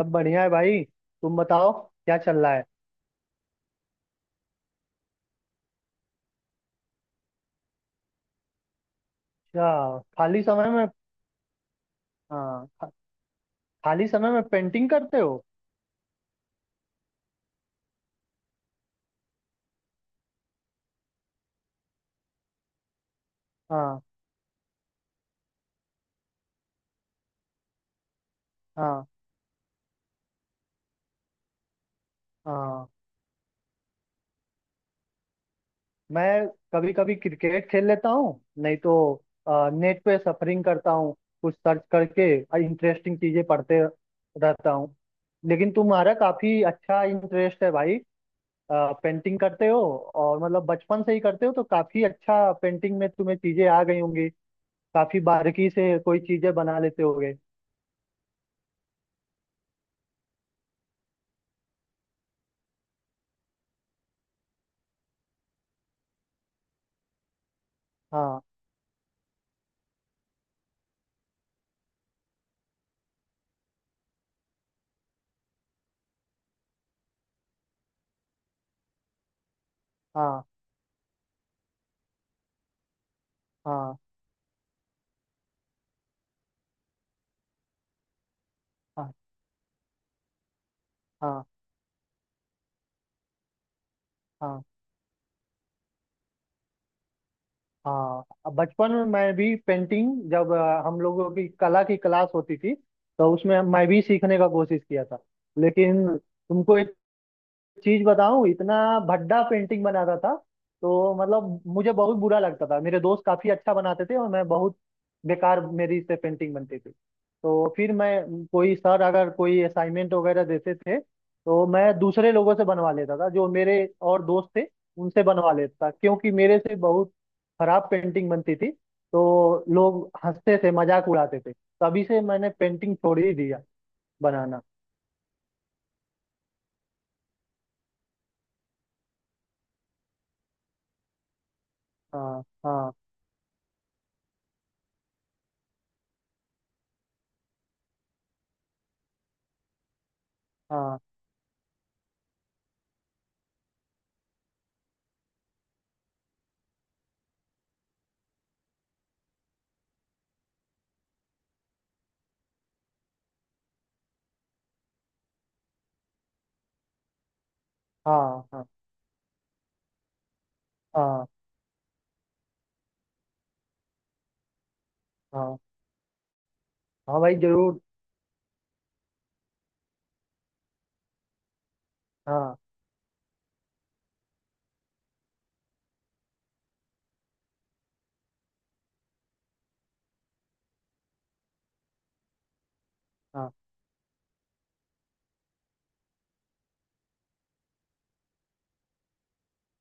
सब बढ़िया है भाई। तुम बताओ क्या चल रहा है। अच्छा, खाली समय में? हाँ खाली समय में पेंटिंग करते हो? हाँ, हाँ, हाँ। मैं कभी कभी क्रिकेट खेल लेता हूँ, नहीं तो नेट पे सफरिंग करता हूँ, कुछ सर्च करके इंटरेस्टिंग चीजें पढ़ते रहता हूँ। लेकिन तुम्हारा काफी अच्छा इंटरेस्ट है भाई। पेंटिंग करते हो और मतलब बचपन से ही करते हो, तो काफी अच्छा पेंटिंग में तुम्हें चीजें आ गई होंगी, काफी बारीकी से कोई चीजें बना लेते होगे। हाँ, हाँ, हाँ, हाँ, हाँ, हाँ। हाँ, अब बचपन में मैं भी पेंटिंग, जब हम लोगों की कला की क्लास होती थी, तो उसमें मैं भी सीखने का कोशिश किया था। लेकिन तुमको एक चीज बताऊं, इतना भद्दा पेंटिंग बनाता था, तो मतलब मुझे बहुत बुरा लगता था। मेरे दोस्त काफी अच्छा बनाते थे और मैं बहुत बेकार, मेरी से पेंटिंग बनती थी। तो फिर मैं कोई सर अगर कोई असाइनमेंट वगैरह देते थे तो मैं दूसरे लोगों से बनवा लेता था, जो मेरे और दोस्त थे उनसे बनवा लेता था, क्योंकि मेरे से बहुत खराब पेंटिंग बनती थी। तो लोग हंसते थे, मजाक उड़ाते थे। तभी से मैंने पेंटिंग छोड़ ही दिया बनाना। हाँ, हाँ, हाँ, हाँ, हाँ, हाँ, हाँ। हाँ भाई, जरूर। हाँ, हाँ,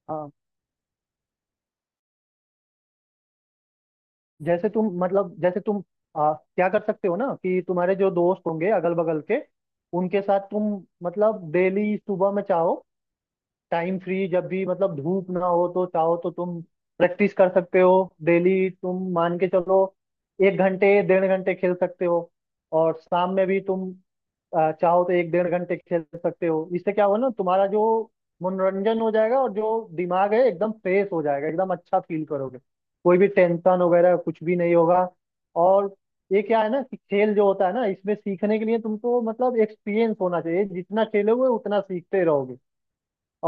हाँ। जैसे तुम मतलब जैसे तुम क्या कर सकते हो ना, कि तुम्हारे जो दोस्त होंगे अगल बगल के, उनके साथ तुम मतलब डेली सुबह में चाहो, टाइम फ्री जब भी मतलब धूप ना हो तो चाहो तो तुम प्रैक्टिस कर सकते हो। डेली तुम मान के चलो, एक घंटे डेढ़ घंटे खेल सकते हो, और शाम में भी तुम चाहो तो एक डेढ़ घंटे खेल सकते हो। इससे क्या होगा ना, तुम्हारा जो मनोरंजन हो जाएगा, और जो दिमाग है एकदम फ्रेश हो जाएगा, एकदम अच्छा फील करोगे, कोई भी टेंशन वगैरह कुछ भी नहीं होगा। और ये क्या है ना, कि खेल जो होता है ना, इसमें सीखने के लिए तुमको मतलब एक्सपीरियंस होना चाहिए, जितना खेलोगे उतना सीखते रहोगे।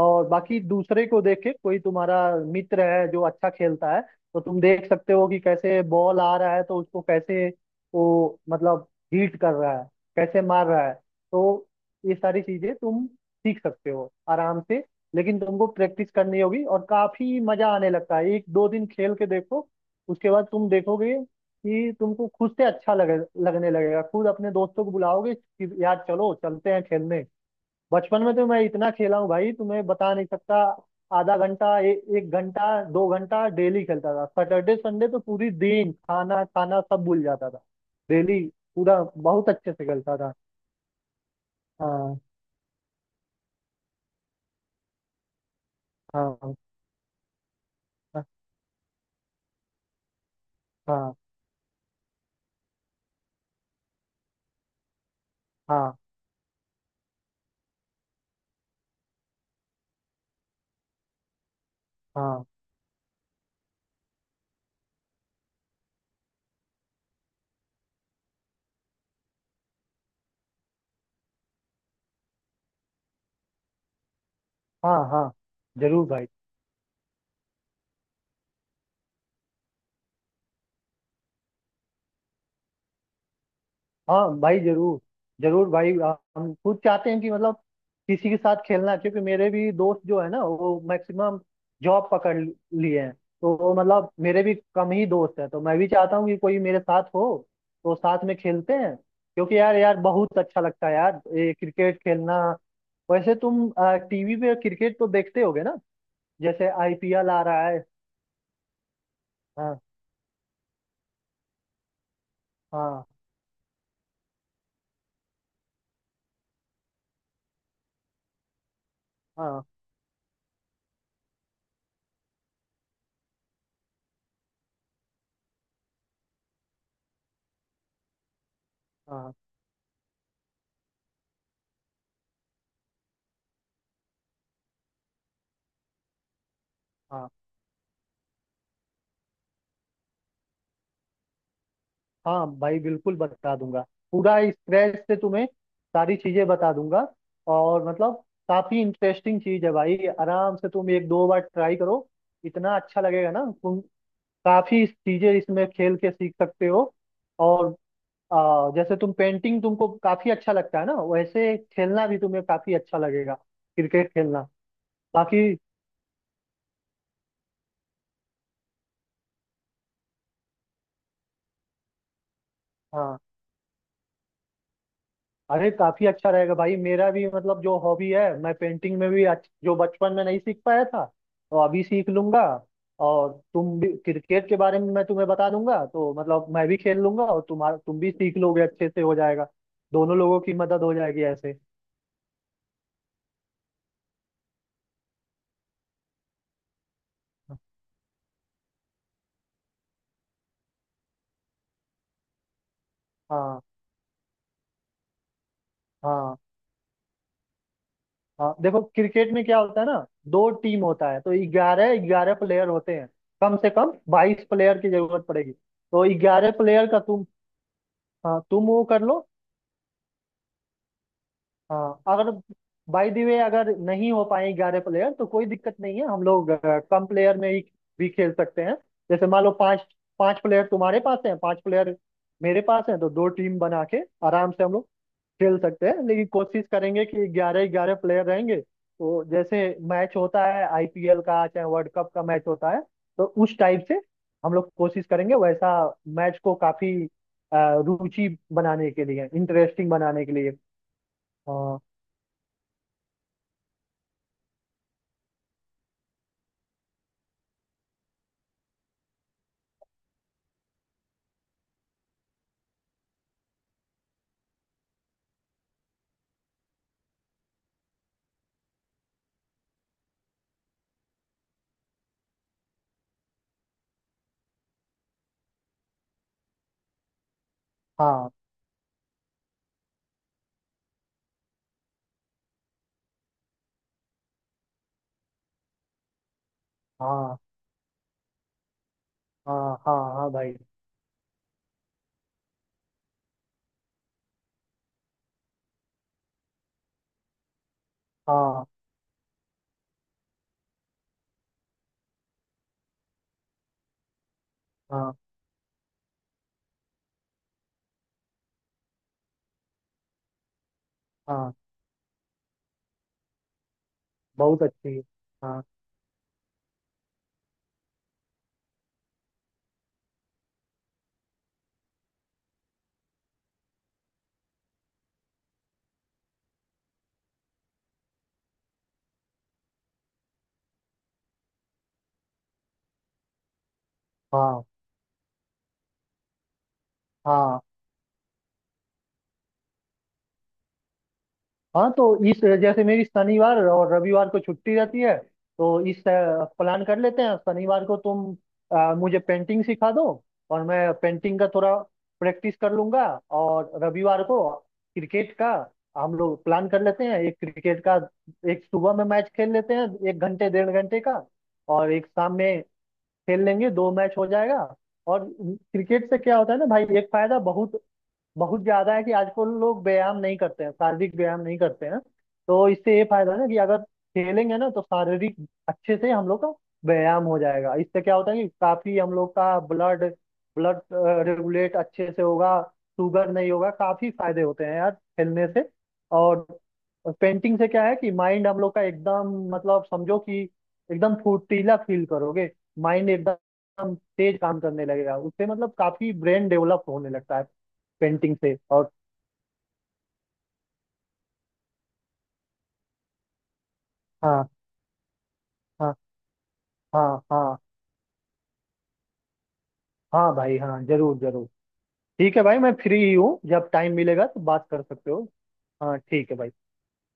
और बाकी दूसरे को देख के, कोई तुम्हारा मित्र है जो अच्छा खेलता है, तो तुम देख सकते हो कि कैसे बॉल आ रहा है, तो उसको कैसे वो मतलब हीट कर रहा है, कैसे मार रहा है। तो ये सारी चीजें तुम सीख सकते हो आराम से, लेकिन तुमको प्रैक्टिस करनी होगी और काफी मजा आने लगता है। एक दो दिन खेल के देखो, उसके बाद तुम देखोगे कि तुमको खुद से अच्छा लगे, लगने लगेगा, खुद अपने दोस्तों को बुलाओगे कि यार चलो चलते हैं खेलने। बचपन में तो मैं इतना खेला हूँ भाई, तुम्हें बता नहीं सकता। आधा घंटा, एक घंटा दो घंटा डेली खेलता था, सैटरडे संडे तो पूरी दिन खाना खाना सब भूल जाता था। डेली पूरा बहुत अच्छे से खेलता था। हाँ, हाँ, हाँ, हाँ, हाँ, हाँ, हाँ, हाँ। जरूर भाई। हाँ भाई, जरूर। जरूर भाई। हम खुद चाहते हैं कि मतलब किसी के साथ खेलना, क्योंकि मेरे भी दोस्त जो है ना, वो मैक्सिमम जॉब लिए हैं। तो वो मतलब मेरे भी कम ही दोस्त हैं, तो मैं भी चाहता हूँ कि कोई मेरे साथ हो। तो साथ में खेलते हैं, क्योंकि यार यार बहुत अच्छा लगता है यार, ये क्रिकेट खेलना। वैसे तुम टीवी पे क्रिकेट तो देखते होगे ना? जैसे आईपीएल आ रहा है। हाँ, हाँ, हाँ, हाँ, हाँ। हाँ भाई, बिल्कुल बता दूंगा। पूरा स्क्रैच से तुम्हें सारी चीजें बता दूंगा। और मतलब काफी इंटरेस्टिंग चीज है भाई, आराम से तुम एक दो बार ट्राई करो, इतना अच्छा लगेगा ना, तुम काफी चीजें इसमें खेल के सीख सकते हो। और जैसे तुम पेंटिंग तुमको काफी अच्छा लगता है ना, वैसे खेलना भी तुम्हें काफी अच्छा लगेगा, क्रिकेट खेलना। बाकी हाँ, अरे काफी अच्छा रहेगा भाई। मेरा भी मतलब जो हॉबी है, मैं पेंटिंग में भी जो बचपन में नहीं सीख पाया था तो अभी सीख लूंगा, और तुम भी क्रिकेट के बारे में मैं तुम्हें बता दूंगा, तो मतलब मैं भी खेल लूंगा और तुम्हारा तुम भी सीख लोगे, अच्छे से हो जाएगा, दोनों लोगों की मदद हो जाएगी ऐसे। हाँ, हाँ, हाँ। देखो, क्रिकेट में क्या होता है ना, दो टीम होता है तो 11-11 प्लेयर होते हैं। कम से कम 22 प्लेयर की जरूरत पड़ेगी, तो 11 प्लेयर का तुम। हाँ, तुम वो कर लो। हाँ, अगर बाय द वे अगर नहीं हो पाए 11 प्लेयर, तो कोई दिक्कत नहीं है, हम लोग कम प्लेयर में ही भी खेल सकते हैं। जैसे मान लो पांच पांच प्लेयर तुम्हारे पास हैं, पांच प्लेयर मेरे पास हैं, तो दो टीम बना के आराम से हम लोग खेल सकते हैं। लेकिन कोशिश करेंगे कि 11-11 प्लेयर रहेंगे, तो जैसे मैच होता है आईपीएल का, चाहे वर्ल्ड कप का मैच होता है, तो उस टाइप से हम लोग कोशिश करेंगे वैसा मैच को, काफी रुचि बनाने के लिए, इंटरेस्टिंग बनाने के लिए। अ, हाँ, हाँ, हाँ, हाँ, हाँ भाई। हाँ, हाँ, हाँ। बहुत अच्छी है। हाँ, हाँ, हाँ, हाँ। तो इस, जैसे मेरी शनिवार और रविवार को छुट्टी रहती है, तो इस प्लान कर लेते हैं, शनिवार को तुम मुझे पेंटिंग सिखा दो और मैं पेंटिंग का थोड़ा प्रैक्टिस कर लूंगा। और रविवार को क्रिकेट का हम लोग प्लान कर लेते हैं, एक क्रिकेट का एक सुबह में मैच खेल लेते हैं, एक घंटे डेढ़ घंटे का, और एक शाम में खेल लेंगे, दो मैच हो जाएगा। और क्रिकेट से क्या होता है ना भाई, एक फायदा बहुत बहुत ज्यादा है, कि आजकल लोग व्यायाम नहीं करते हैं, शारीरिक व्यायाम नहीं करते हैं। तो इससे ये फायदा है ना कि अगर खेलेंगे ना, तो शारीरिक अच्छे से हम लोग का व्यायाम हो जाएगा। इससे क्या होता है कि काफी हम लोग का ब्लड ब्लड रेगुलेट अच्छे से होगा, शुगर नहीं होगा, काफी फायदे होते हैं यार खेलने से। और पेंटिंग से क्या है कि माइंड हम लोग का एकदम मतलब समझो कि एकदम फुर्तीला फील करोगे, माइंड एकदम तेज काम करने लगेगा, उससे मतलब काफी ब्रेन डेवलप होने लगता है पेंटिंग से। और हाँ, हाँ, हाँ, हाँ, हाँ भाई, हाँ, जरूर जरूर। ठीक है भाई, मैं फ्री ही हूँ, जब टाइम मिलेगा तो बात कर सकते हो। हाँ, ठीक है भाई।